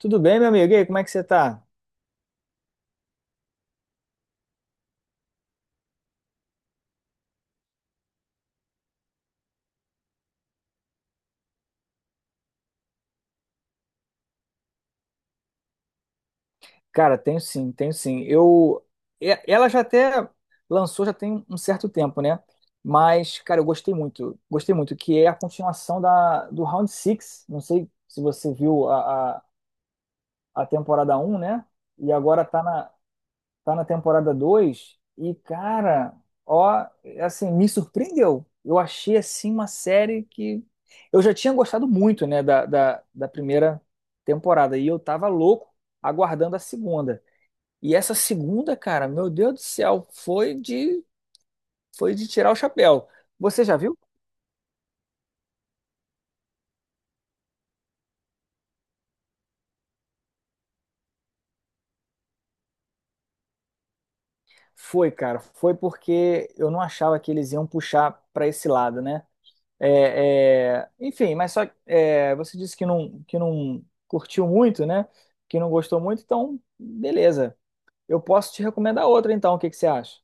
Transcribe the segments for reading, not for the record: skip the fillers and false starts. Tudo bem, meu amigo? E aí, como é que você tá? Cara, tenho sim, tenho sim. Ela já até lançou, já tem um certo tempo, né? Mas, cara, eu gostei muito, que é a continuação do Round Six. Não sei se você viu a temporada um, né? E agora tá na temporada 2 e, cara, ó, assim, me surpreendeu. Eu achei, assim, uma série que eu já tinha gostado muito, né, da primeira temporada, e eu tava louco aguardando a segunda. E essa segunda, cara, meu Deus do céu, foi de tirar o chapéu. Você já viu? Foi, cara, foi porque eu não achava que eles iam puxar pra esse lado, né? Enfim, mas só é, você disse que não curtiu muito, né? Que não gostou muito, então beleza. Eu posso te recomendar outra, então. O que que você acha?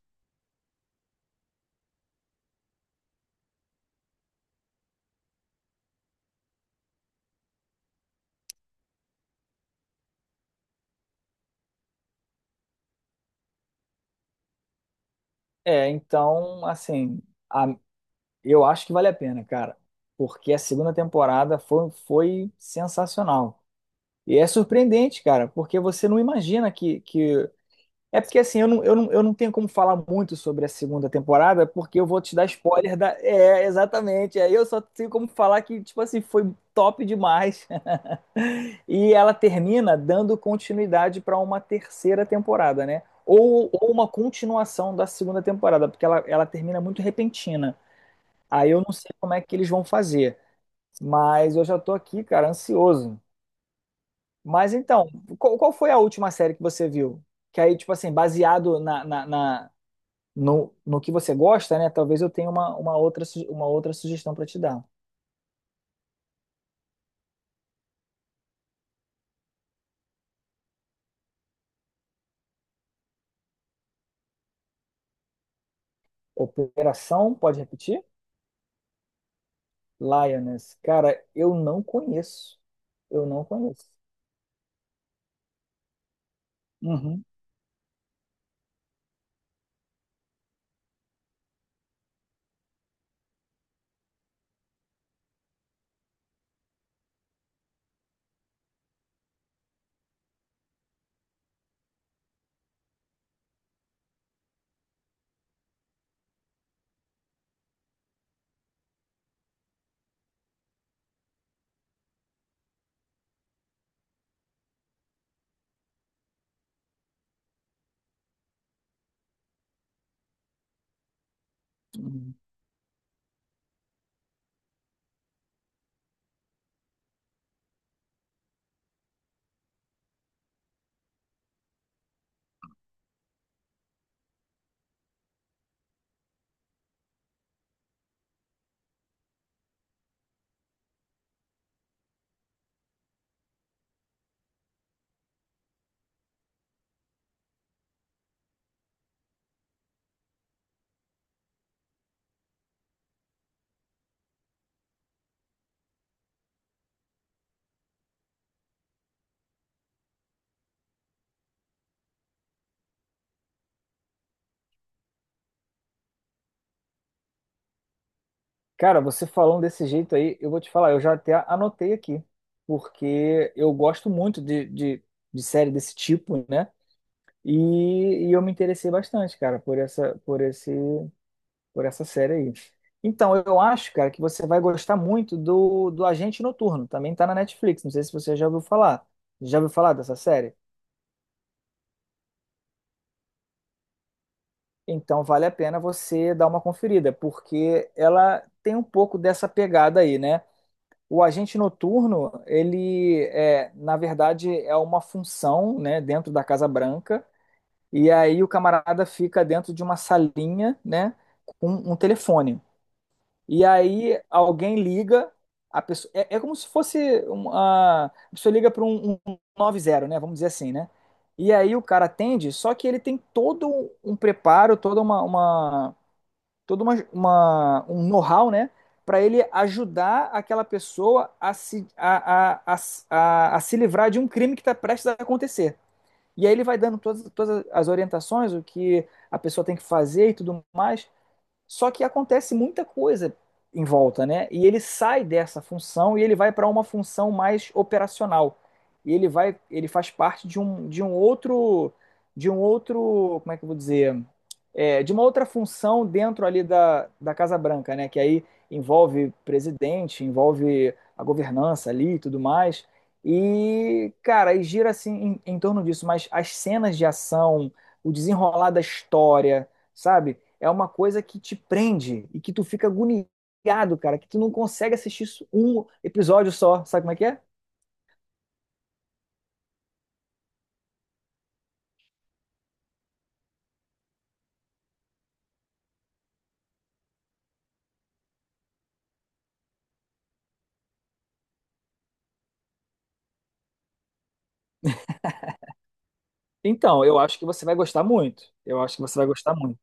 É, então, assim, a- eu acho que vale a pena, cara, porque a segunda temporada foi sensacional. E é surpreendente, cara, porque você não imagina que é porque assim, eu não tenho como falar muito sobre a segunda temporada, porque eu vou te dar spoiler da. É, exatamente. Aí eu só tenho como falar que, tipo assim, foi top demais. E ela termina dando continuidade para uma terceira temporada, né? Ou uma continuação da segunda temporada, porque ela termina muito repentina. Aí eu não sei como é que eles vão fazer. Mas eu já tô aqui, cara, ansioso. Mas então, qual foi a última série que você viu? Que aí, tipo assim, baseado no que você gosta, né? Talvez eu tenha uma outra, uma outra sugestão para te dar. Operação, pode repetir? Lioness. Cara, eu não conheço. Eu não conheço. Uhum. Uhum. Cara, você falando desse jeito aí, eu vou te falar, eu já até anotei aqui, porque eu gosto muito de série desse tipo, né? E, e eu me interessei bastante, cara, por essa, por esse. Por essa série aí. Então, eu acho, cara, que você vai gostar muito do Agente Noturno. Também tá na Netflix. Não sei se você já ouviu falar. Já ouviu falar dessa série? Então, vale a pena você dar uma conferida, porque ela tem um pouco dessa pegada aí, né? O Agente Noturno, ele é, na verdade, é uma função, né, dentro da Casa Branca. E aí o camarada fica dentro de uma salinha, né, com um telefone. E aí alguém liga, a pessoa, é, é como se fosse uma, a pessoa liga para um 90, né? Vamos dizer assim, né? E aí o cara atende, só que ele tem todo um preparo, toda um know-how, né? Para ele ajudar aquela pessoa a se livrar de um crime que está prestes a acontecer. E aí ele vai dando todas as orientações, o que a pessoa tem que fazer e tudo mais. Só que acontece muita coisa em volta, né? E ele sai dessa função e ele vai para uma função mais operacional. E ele vai, ele faz parte de um outro, como é que eu vou dizer, é, de uma outra função dentro ali da Casa Branca, né? Que aí envolve presidente, envolve a governança ali e tudo mais. E, cara, e gira assim em torno disso, mas as cenas de ação, o desenrolar da história, sabe? É uma coisa que te prende e que tu fica agoniado, cara, que tu não consegue assistir isso um episódio só, sabe como é que é? Então, eu acho que você vai gostar muito. Eu acho que você vai gostar muito.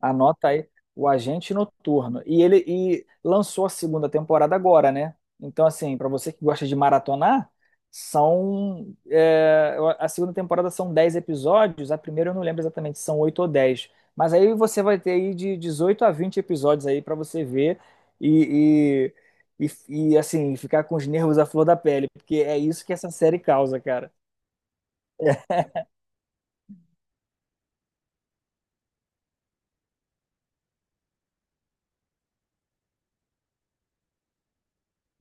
Anota aí, o Agente Noturno. E ele e lançou a segunda temporada agora, né? Então, assim, para você que gosta de maratonar, são. É, a segunda temporada são 10 episódios, a primeira eu não lembro exatamente se são 8 ou 10, mas aí você vai ter aí de 18 a 20 episódios aí para você ver e, assim, ficar com os nervos à flor da pele, porque é isso que essa série causa, cara.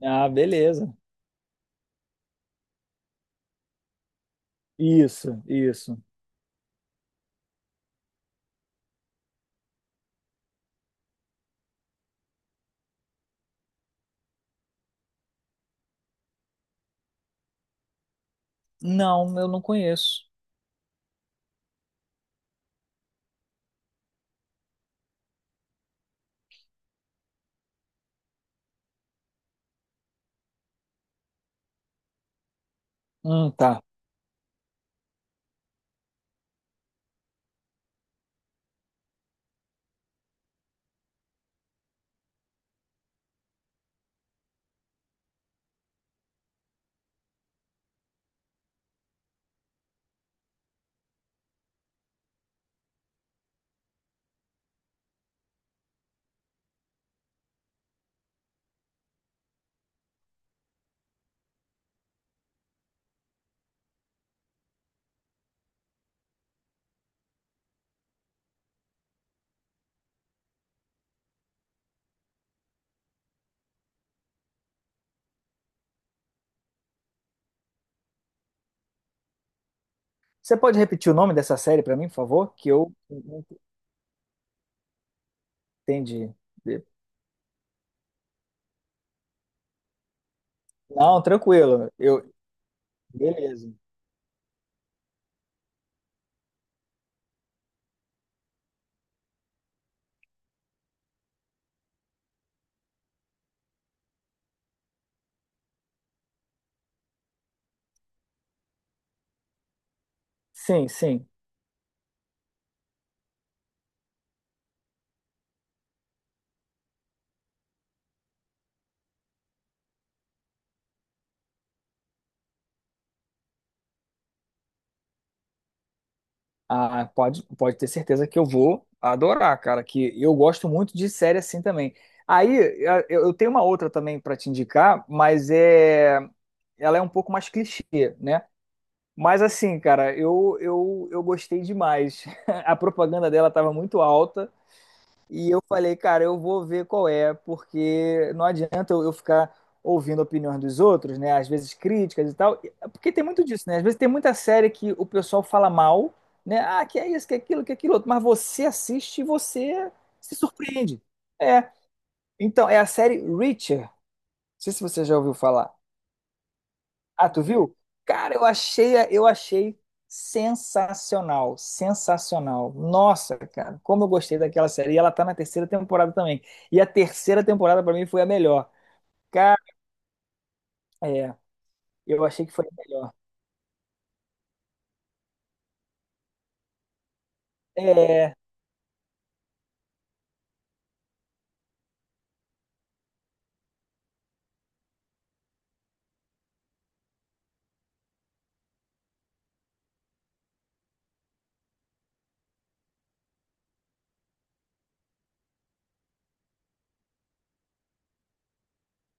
Ah, beleza. Isso, isso. Não, eu não conheço. Tá. Você pode repetir o nome dessa série para mim, por favor? Que eu não entendi. Não, tranquilo. Eu, beleza. Sim, sim. Ah, pode, pode ter certeza que eu vou adorar, cara. Que eu gosto muito de série assim também. Aí eu tenho uma outra também para te indicar, mas é, ela é um pouco mais clichê, né? Mas assim, cara, eu gostei demais. A propaganda dela estava muito alta. E eu falei, cara, eu vou ver qual é, porque não adianta eu ficar ouvindo a opinião dos outros, né? Às vezes críticas e tal. Porque tem muito disso, né? Às vezes tem muita série que o pessoal fala mal, né? Ah, que é isso, que é aquilo outro. Mas você assiste e você se surpreende. É. Então, é a série Reacher. Não sei se você já ouviu falar. Ah, tu viu? Cara, eu achei sensacional, sensacional. Nossa, cara, como eu gostei daquela série. E ela tá na terceira temporada também. E a terceira temporada pra mim foi a melhor. Cara, é, eu achei que foi a melhor. É,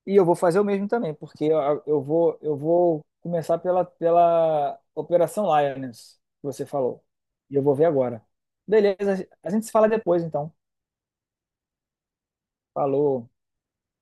e eu vou fazer o mesmo também, porque eu, eu vou começar pela Operação Lioness, que você falou. E eu vou ver agora. Beleza, a gente se fala depois, então. Falou.